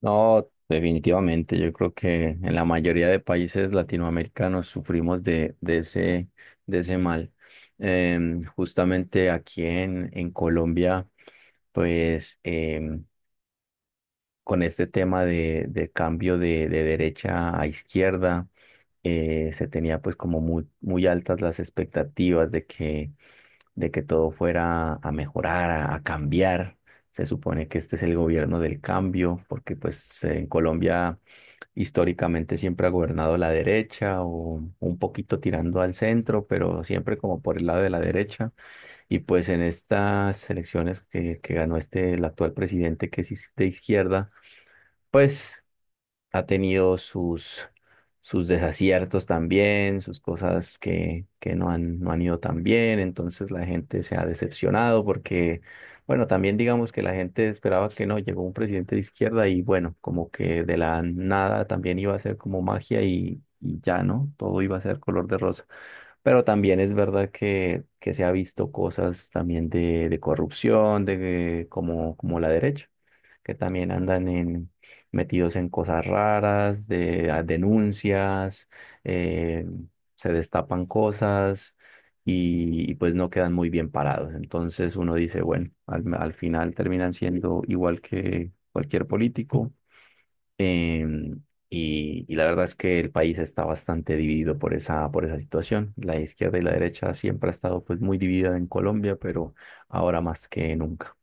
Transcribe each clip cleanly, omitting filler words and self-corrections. No, definitivamente. Yo creo que en la mayoría de países latinoamericanos sufrimos de ese, de ese mal. Justamente aquí en Colombia, pues con este tema de cambio de derecha a izquierda, se tenía pues como muy altas las expectativas de que de que todo fuera a mejorar, a cambiar. Se supone que este es el gobierno del cambio, porque pues en Colombia históricamente siempre ha gobernado la derecha o un poquito tirando al centro, pero siempre como por el lado de la derecha. Y pues en estas elecciones que ganó este, el actual presidente que es de izquierda, pues ha tenido sus sus desaciertos también, sus cosas que no han, no han ido tan bien, entonces la gente se ha decepcionado porque, bueno, también digamos que la gente esperaba que no, llegó un presidente de izquierda y bueno, como que de la nada también iba a ser como magia y ya, ¿no? Todo iba a ser color de rosa. Pero también es verdad que se ha visto cosas también de corrupción, de, como, como la derecha que también andan en, metidos en cosas raras, de a denuncias, eh, se destapan cosas y pues no quedan muy bien parados. Entonces uno dice, bueno, al final terminan siendo igual que cualquier político. em, y la verdad es que el país está bastante dividido por esa situación. La izquierda y la derecha siempre ha estado pues muy dividida en Colombia, pero ahora más que nunca.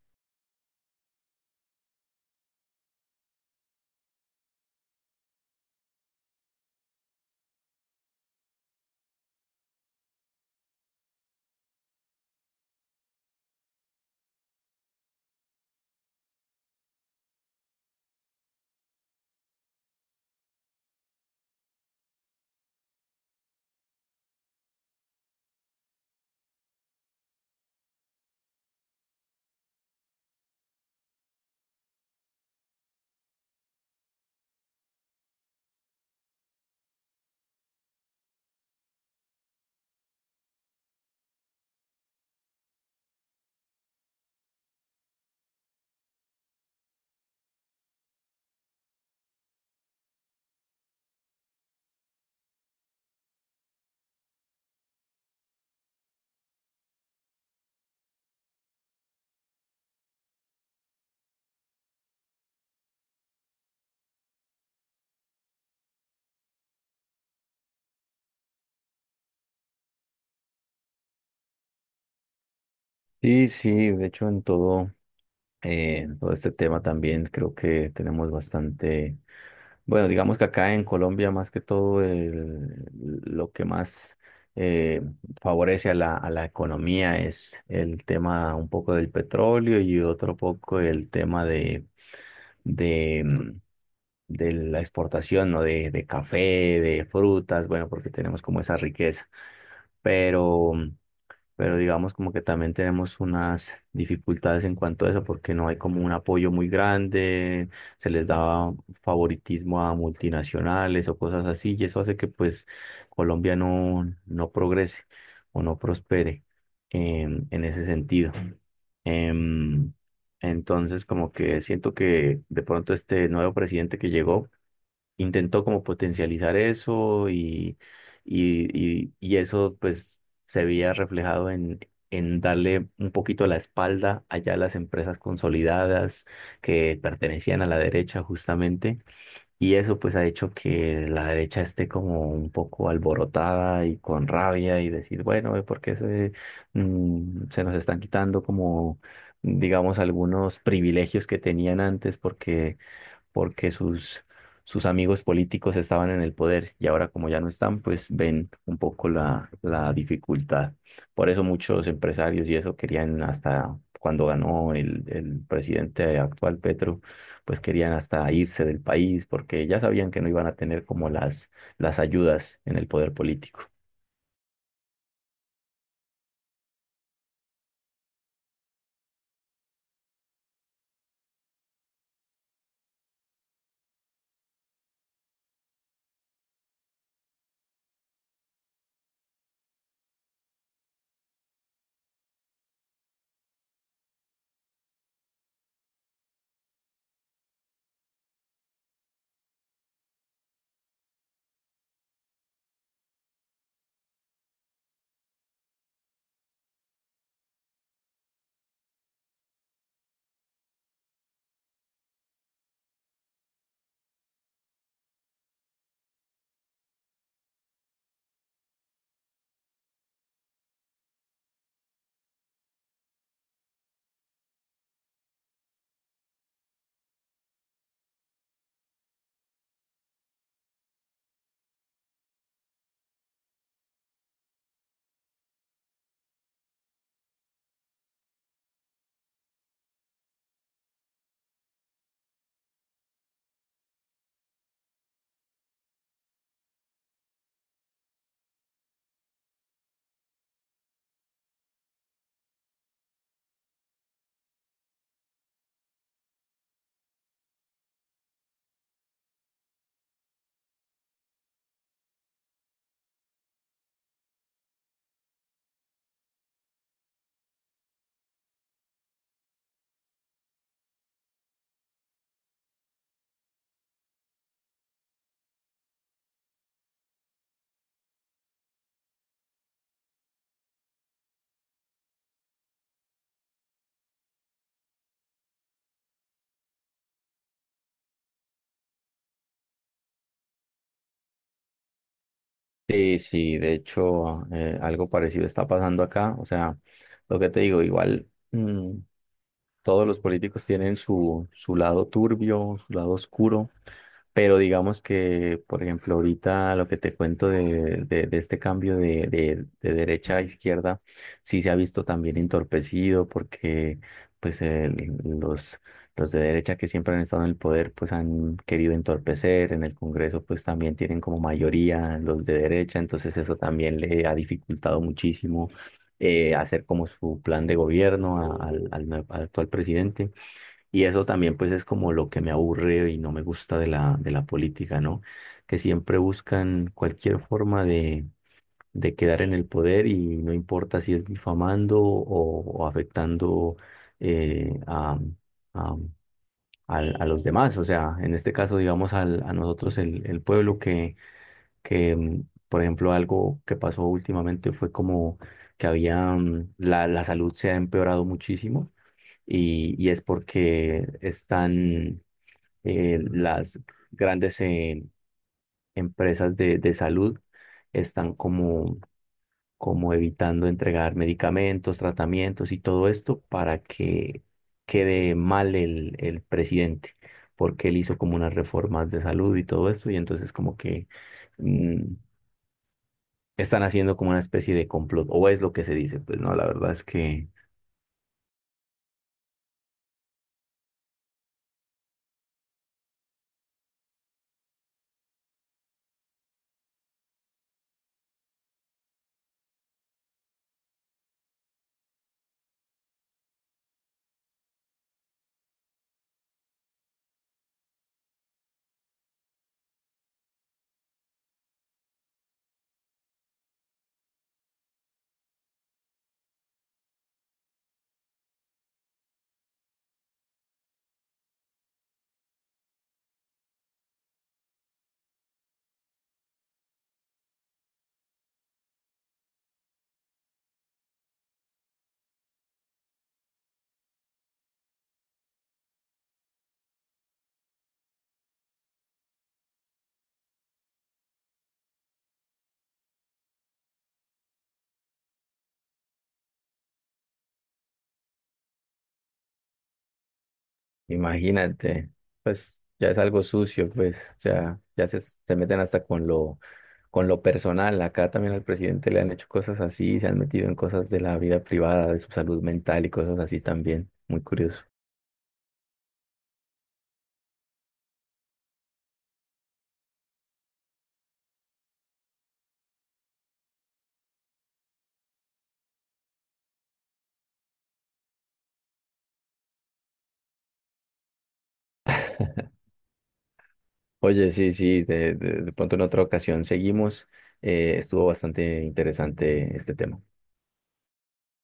Sí, sí, de hecho en todo. En todo este tema también creo que tenemos bastante, bueno, digamos que acá en Colombia más que todo el- lo que más eh, favorece a la economía es el tema un poco del petróleo y otro poco el tema de de de la exportación, ¿no? De café, de frutas, bueno, porque tenemos como esa riqueza. Pero pero digamos como que también tenemos unas dificultades en cuanto a eso, porque no hay como un apoyo muy grande, se les daba favoritismo a multinacionales o cosas así, y eso hace que pues Colombia no, no progrese o no prospere en ese sentido. Em, entonces como que siento que de pronto este nuevo presidente que llegó, intentó como potencializar eso y y eso pues se veía reflejado en darle un poquito la espalda allá a las empresas consolidadas que pertenecían a la derecha justamente y eso pues ha hecho que la derecha esté como un poco alborotada y con rabia y decir bueno, ¿por qué se, se nos están quitando como digamos algunos privilegios que tenían antes porque porque sus sus amigos políticos estaban en el poder y ahora como ya no están, pues ven un poco la, la dificultad. Por eso muchos empresarios y eso querían hasta cuando ganó el presidente actual Petro, pues querían hasta irse del país porque ya sabían que no iban a tener como las ayudas en el poder político. Sí, sí, de hecho, algo parecido está pasando acá. O sea, lo que te digo, igual, mm, todos los políticos tienen su, su lado turbio, su lado oscuro, pero digamos que, por ejemplo, ahorita lo que te cuento de este cambio de derecha a izquierda, sí se ha visto también entorpecido porque pues el- los de derecha que siempre han estado en el poder pues han querido entorpecer, en el Congreso pues también tienen como mayoría los de derecha, entonces eso también le ha dificultado muchísimo hacer como su plan de gobierno a- al nue- al actual presidente. Y eso también pues es como lo que me aburre y no me gusta de la política, ¿no? Que siempre buscan cualquier forma de quedar en el poder y no importa si es difamando o afectando eh, a, a, al- a los demás. O sea, en este caso, digamos, al- a nosotros, el pueblo que que, por ejemplo, algo que pasó últimamente fue como que había, la, la salud se ha empeorado muchísimo y es porque están las grandes empresas de salud están como, como evitando entregar medicamentos, tratamientos y todo esto para que quede mal el presidente, porque él hizo como unas reformas de salud y todo esto y entonces como que mm, están haciendo como una especie de complot, o es lo que se dice, pues no, la verdad es que imagínate, pues ya es algo sucio, pues ya, ya se meten hasta con lo personal, acá también al presidente le han hecho cosas así, se han metido en cosas de la vida privada, de su salud mental y cosas así también, muy curioso. Oye, sí, sí, de pronto en otra ocasión seguimos, estuvo bastante interesante este tema.